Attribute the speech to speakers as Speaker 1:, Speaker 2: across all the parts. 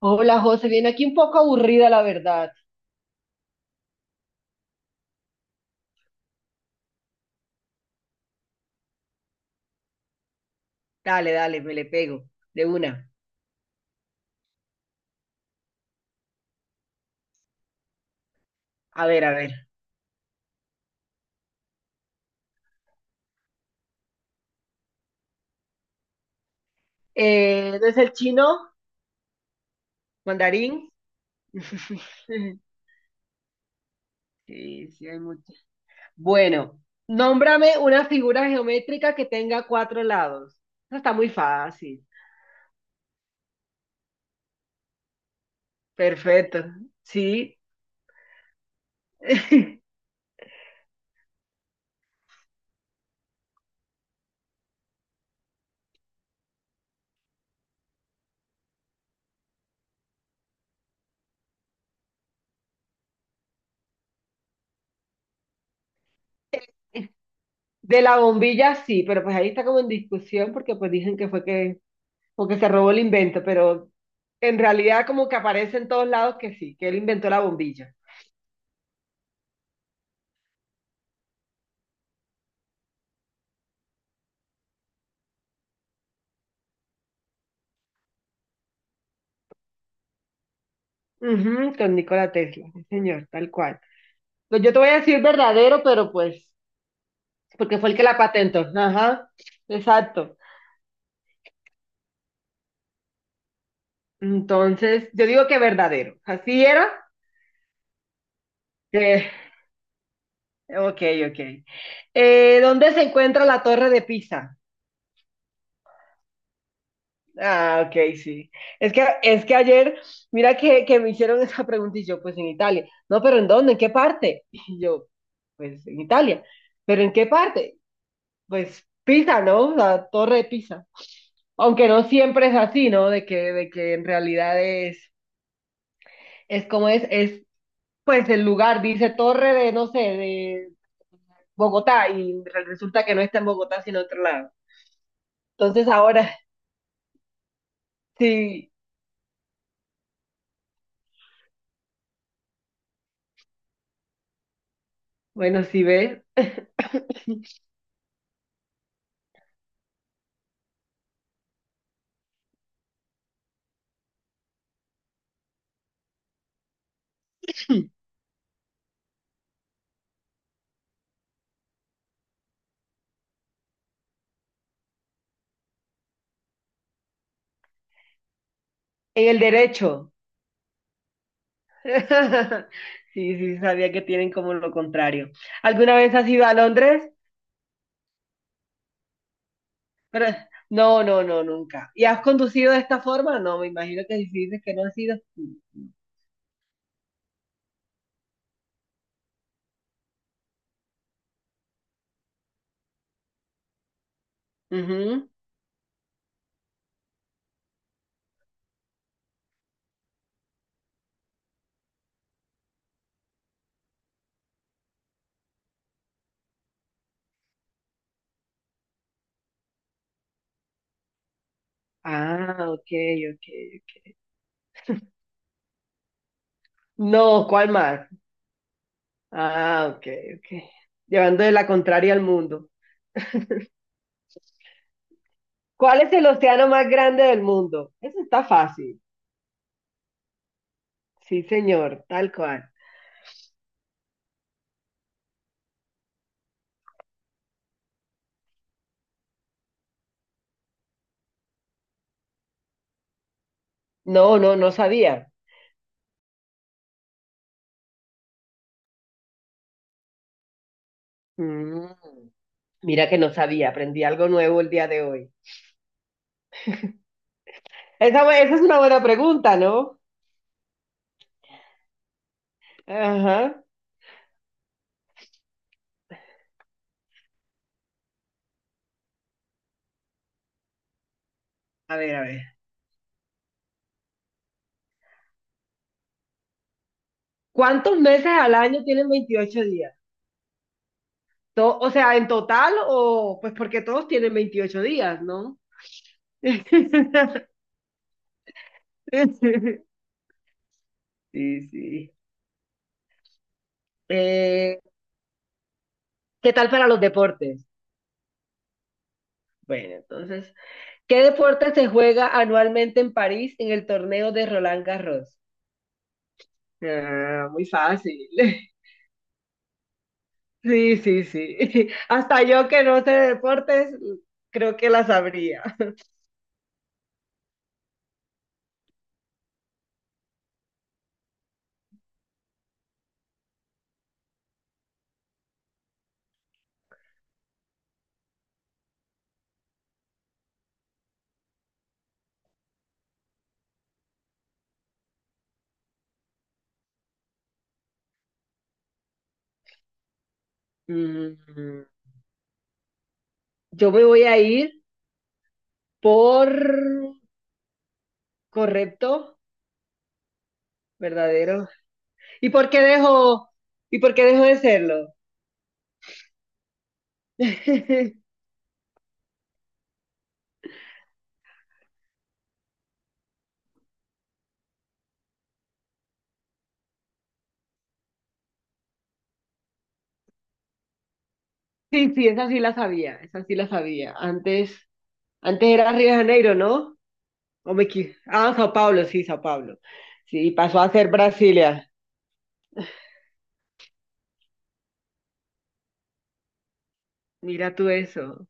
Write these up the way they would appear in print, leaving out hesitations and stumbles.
Speaker 1: Hola José, viene aquí un poco aburrida la verdad. Dale, dale, me le pego. De una. A ver, a ver. ¿No es el chino? ¿Mandarín? Sí, sí hay mucho. Bueno, nómbrame una figura geométrica que tenga cuatro lados. Eso está muy fácil. Perfecto. Sí. De la bombilla sí, pero pues ahí está como en discusión porque pues dicen que fue que se robó el invento, pero en realidad como que aparece en todos lados que sí, que él inventó la bombilla. Ujú, con Nikola Tesla, sí, señor, tal cual. Pues yo te voy a decir verdadero, pero pues, porque fue el que la patentó. Ajá, exacto. Entonces, yo digo que verdadero. ¿Así era? Eh, ok, ok. ¿Dónde se encuentra la Torre de Pisa? Ah, ok, sí. Es que ayer, mira que me hicieron esa pregunta y yo, pues en Italia. No, pero ¿en dónde? ¿En qué parte? Y yo, pues en Italia. ¿Pero en qué parte? Pues Pisa, ¿no? La Torre de Pisa. Aunque no siempre es así, ¿no? De que en realidad es como es, pues el lugar, dice Torre de, no sé, de Bogotá, y resulta que no está en Bogotá, sino en otro lado. Entonces ahora, sí, bueno, sí ves, el derecho. Sí, sí, sabía que tienen como lo contrario. ¿Alguna vez has ido a Londres? Pero, no, nunca. ¿Y has conducido de esta forma? No, me imagino que si dices que no has ido. Ujú. Ah, ok, ok, ok. No, ¿cuál mar? Ah, ok, ok. Llevando de la contraria al mundo. ¿Cuál es el océano más grande del mundo? Eso está fácil. Sí, señor, tal cual. No, no, no sabía. Mm, mira que no sabía, aprendí algo nuevo el día de hoy. Esa, esa es una buena pregunta, ¿no? Ajá. A ver, a ver. ¿Cuántos meses al año tienen 28 días? O sea, en total o pues porque todos tienen 28 días, ¿no? Sí, sí. Eh, ¿Qué tal para los deportes? Bueno, entonces, ¿qué deporte se juega anualmente en París en el torneo de Roland Garros? Ah, muy fácil. Sí, sí, sí. Hasta yo que no sé de deportes, creo que la sabría. Mm, yo me voy a ir por correcto, verdadero. ¿Y por qué dejó, y por qué dejó de serlo? Sí, sí, esa sí la sabía, esa sí la sabía. Antes, antes era Río de Janeiro, ¿no? O ah, Sao Paulo. Sí, pasó a ser Brasilia. Mira tú eso.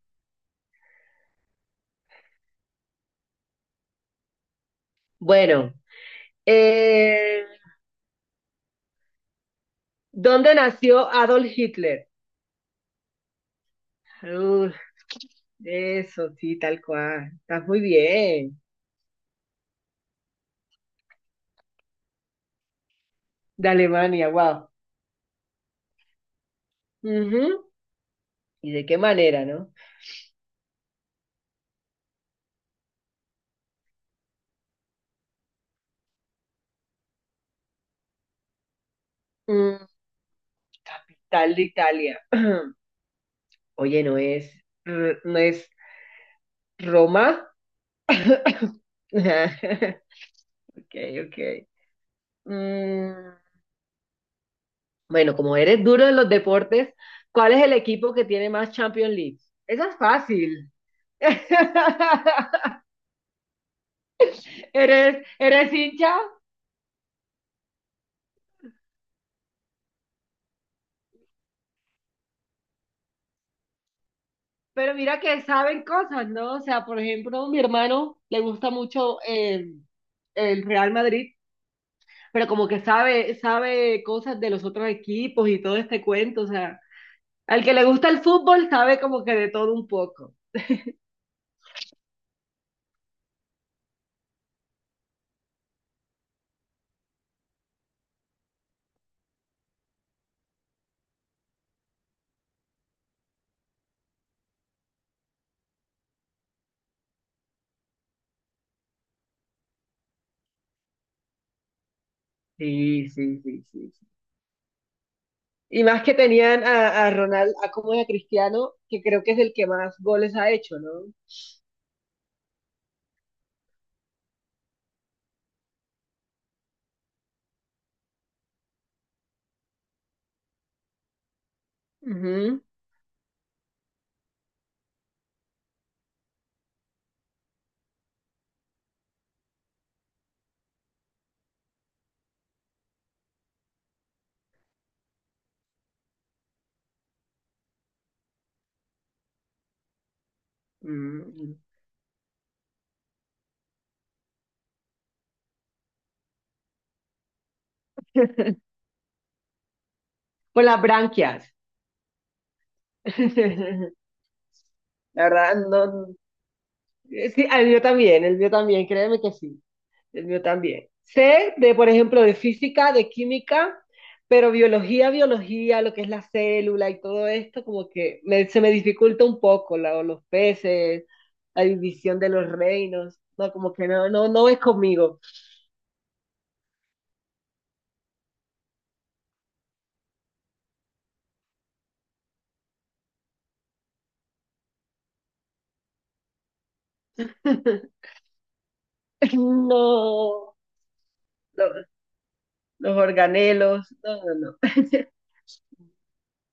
Speaker 1: Bueno, eh, ¿dónde nació Adolf Hitler? Uf, eso, sí, tal cual. Estás muy bien. De Alemania, wow. Ujú. ¿Y de qué manera, no? Mm, tal de Italia. Oye, no no es Roma. Ok, ok. Mm, bueno, como eres duro en los deportes, ¿cuál es el equipo que tiene más Champions League? Esa es fácil. Eres, eres hincha, pero mira que saben cosas, ¿no? O sea, por ejemplo, mi hermano le gusta mucho el Real Madrid, pero como que sabe cosas de los otros equipos y todo este cuento, o sea. Al que le gusta el fútbol sabe como que de todo un poco. Sí, sí, sí, sí, sí. Y más que tenían a Ronald, a como a Cristiano, que creo que es el que más goles ha hecho, ¿no? Ujú. Mm, por las branquias. La verdad, no. Sí, el mío también, créeme que sí, el mío también. Sé de, por ejemplo, de física, de química, pero biología, biología, lo que es la célula y todo esto, como que se me dificulta un poco, los peces, la división de los reinos, no, como que no, no, no es conmigo. No, los, los organelos, no, no, no.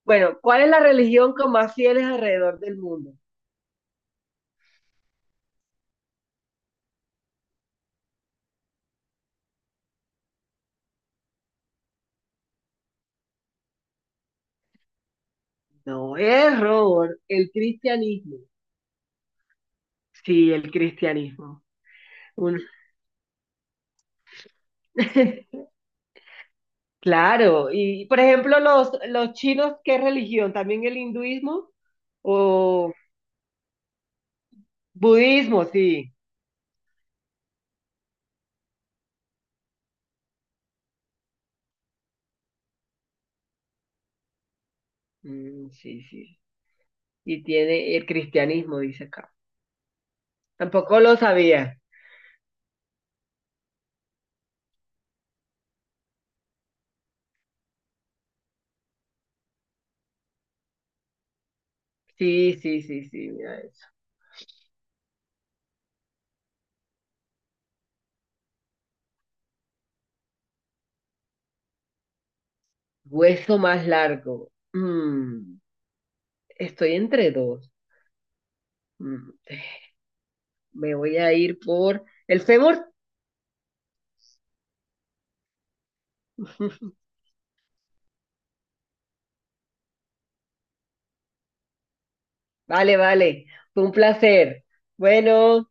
Speaker 1: Bueno, ¿cuál es la religión con más fieles alrededor del mundo? No es Robert, el cristianismo. Sí, el cristianismo. Un- Claro, y por ejemplo, los chinos, ¿qué religión? ¿También el hinduismo? ¿O budismo? Sí. Mm, sí, sí. Y tiene el cristianismo, dice acá. Tampoco lo sabía. Sí, sí, sí, sí, mira eso. Hueso más largo. Mm, estoy entre dos. Mm, me voy a ir por el fémur. Vale, vale. Fue un placer. Bueno.